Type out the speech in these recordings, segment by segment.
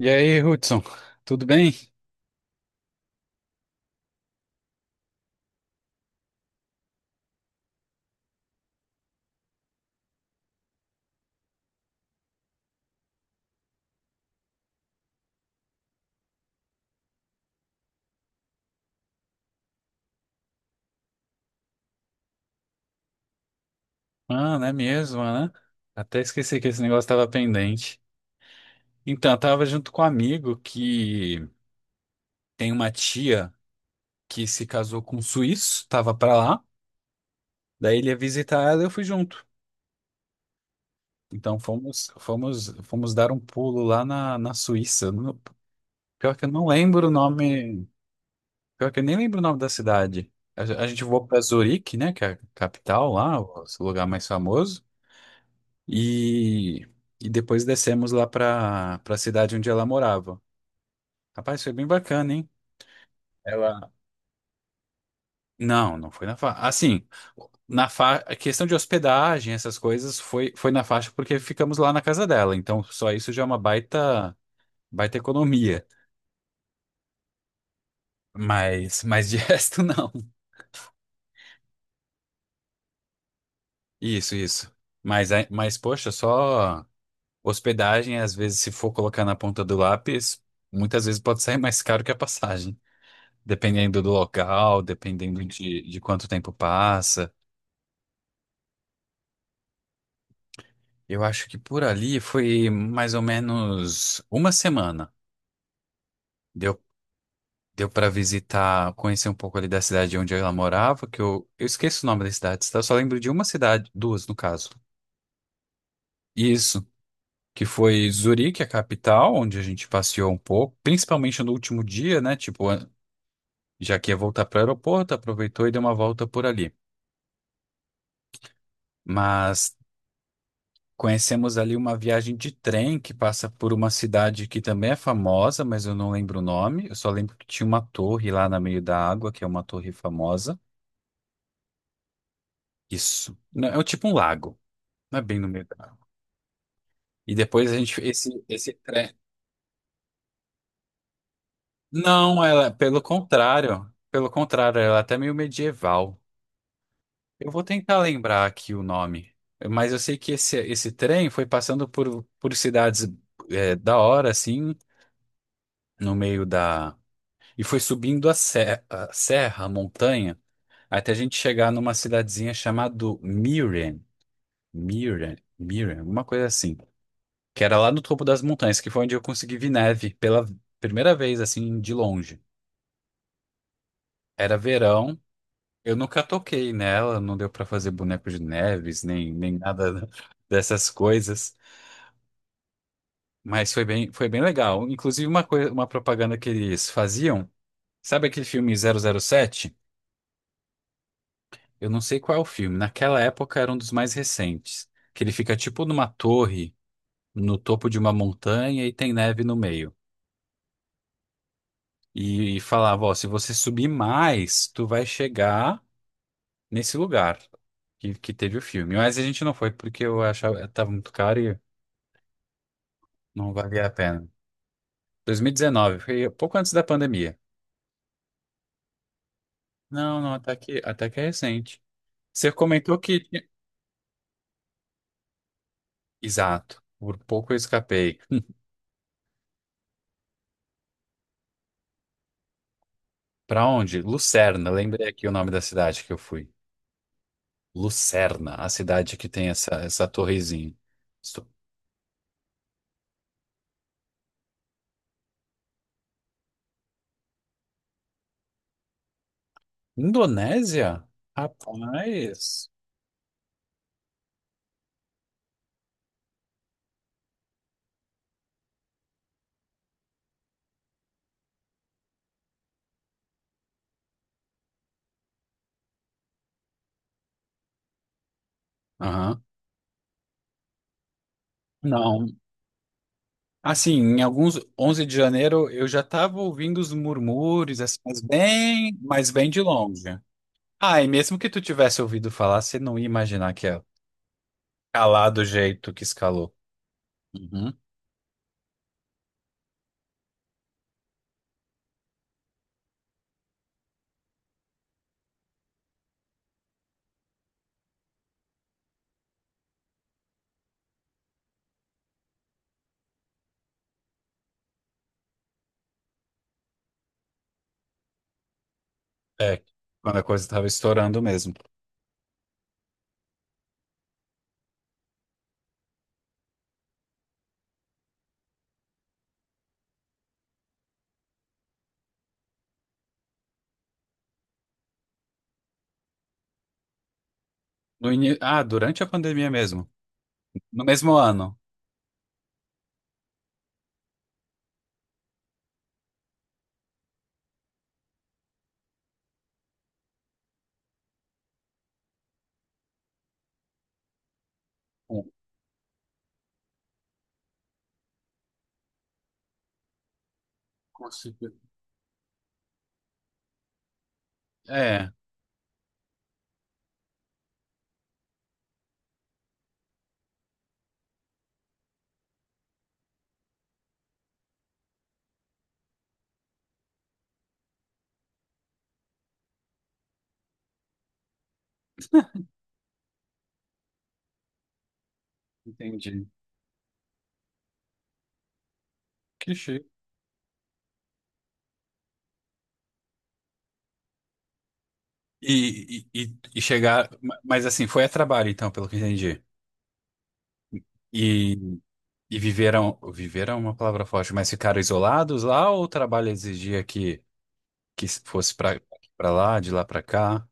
E aí, Hudson, tudo bem? Mano, é mesmo, né? Até esqueci que esse negócio estava pendente. Então, eu tava junto com um amigo que tem uma tia que se casou com um suíço, tava pra lá, daí ele ia visitar ela e eu fui junto. Então fomos dar um pulo lá na Suíça. No- Pior que eu não lembro o nome, pior que eu nem lembro o nome da cidade. A gente voou pra Zurique, né, que é a capital lá, o lugar mais famoso. E, e depois descemos lá para a cidade onde ela morava. Rapaz, foi bem bacana, hein? Ela. Não, não foi na faixa. Assim, na fa... a questão de hospedagem, essas coisas, foi na faixa porque ficamos lá na casa dela. Então, só isso já é uma baita, baita economia. Mas de resto, não. Isso, isso. Mas, poxa, só hospedagem, às vezes, se for colocar na ponta do lápis, muitas vezes pode sair mais caro que a passagem. Dependendo do local, dependendo de quanto tempo passa. Eu acho que por ali foi mais ou menos uma semana. Deu, deu para visitar, conhecer um pouco ali da cidade onde ela morava, que eu esqueço o nome das cidades, tá? Eu só lembro de uma cidade, duas no caso. Isso, que foi Zurique, a capital, onde a gente passeou um pouco, principalmente no último dia, né? Tipo, já que ia voltar para o aeroporto, aproveitou e deu uma volta por ali. Mas conhecemos ali uma viagem de trem que passa por uma cidade que também é famosa, mas eu não lembro o nome. Eu só lembro que tinha uma torre lá no meio da água, que é uma torre famosa. Isso. Não, é tipo um lago, não é bem no meio da água. E depois a gente esse trem. Não, ela, pelo contrário, ela é até meio medieval. Eu vou tentar lembrar aqui o nome, mas eu sei que esse trem foi passando por cidades é, da hora assim, no meio da E foi subindo a serra, a montanha, até a gente chegar numa cidadezinha chamada Miren, Miren, alguma coisa assim, que era lá no topo das montanhas, que foi onde eu consegui ver neve pela primeira vez, assim, de longe. Era verão, eu nunca toquei nela, não deu pra fazer boneco de neves, nem nada dessas coisas, mas foi bem legal. Inclusive, uma coisa, uma propaganda que eles faziam, sabe aquele filme zero zero sete? Eu não sei qual é o filme. Naquela época era um dos mais recentes. Que ele fica tipo numa torre, no topo de uma montanha e tem neve no meio. E falava, ó, se você subir mais, tu vai chegar nesse lugar que teve o filme. Mas a gente não foi porque eu achava tava muito caro e não valia a pena. 2019, foi pouco antes da pandemia. Não, não, até que, é recente. Você comentou que... tinha- Exato. Por pouco eu escapei. Pra onde? Lucerna. Lembrei aqui o nome da cidade que eu fui. Lucerna, a cidade que tem essa torrezinha. Isso- Indonésia? Rapaz. Aham. Não. Assim, em alguns onze de janeiro eu já tava ouvindo os murmúrios, assim, mas bem de longe. Ah, e mesmo que tu tivesse ouvido falar, você não ia imaginar que ia calar do jeito que escalou. Uhum. É, quando a coisa estava estourando mesmo. No ini- Ah, durante a pandemia mesmo. No mesmo ano. Com- com certeza. É, entendi. Que chique. E chegar. Mas assim, foi a trabalho, então, pelo que eu entendi. E, e viveram. Viveram é uma palavra forte, mas ficaram isolados lá ou o trabalho exigia que fosse pra, pra lá, de lá pra cá?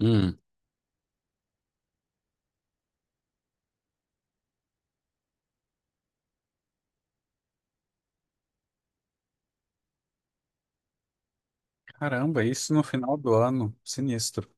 Hum, caramba, isso no final do ano. Sinistro.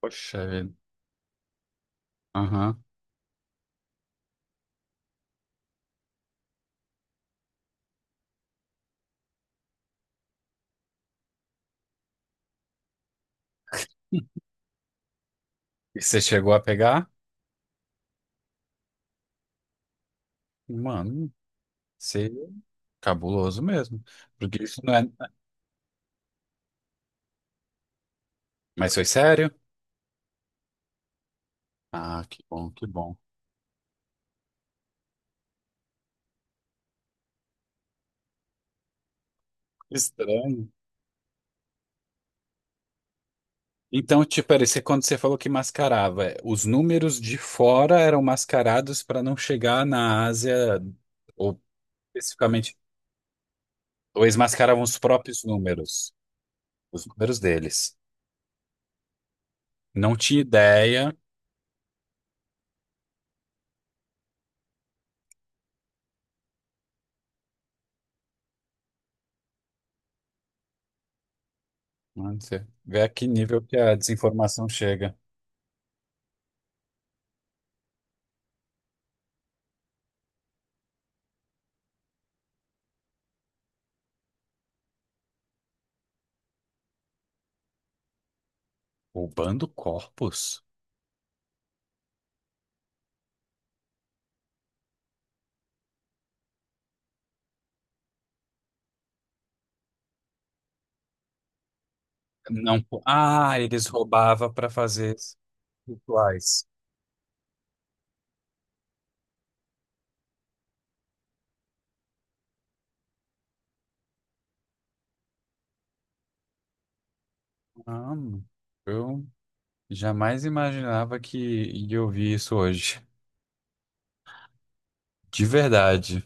Poxa vida. Aham. E você chegou a pegar? Mano, você cabuloso mesmo. Porque isso não é. Mas foi sério? Ah, que bom, que bom. Estranho. Então, tipo, era esse- quando você falou que mascarava, é, os números de fora eram mascarados para não chegar na Ásia, ou especificamente, ou eles mascaravam os próprios números, os números deles. Não tinha ideia. Mano, você vê a que nível que a desinformação chega. Roubando corpos? Não. po- Ah, eles roubavam para fazer rituais. Ah, eu jamais imaginava que ia ouvir isso hoje. De verdade.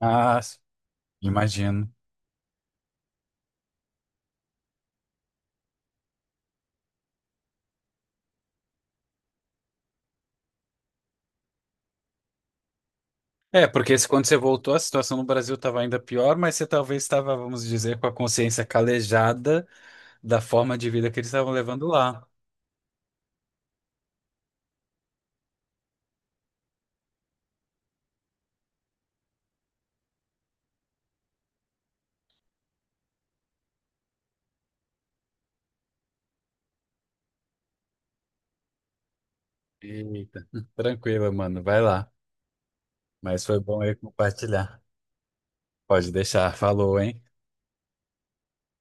Ah, imagino. É, porque se- quando você voltou, a situação no Brasil estava ainda pior, mas você talvez estava, vamos dizer, com a consciência calejada da forma de vida que eles estavam levando lá. Eita. Tranquilo, mano. Vai lá. Mas foi bom aí compartilhar. Pode deixar. Falou, hein?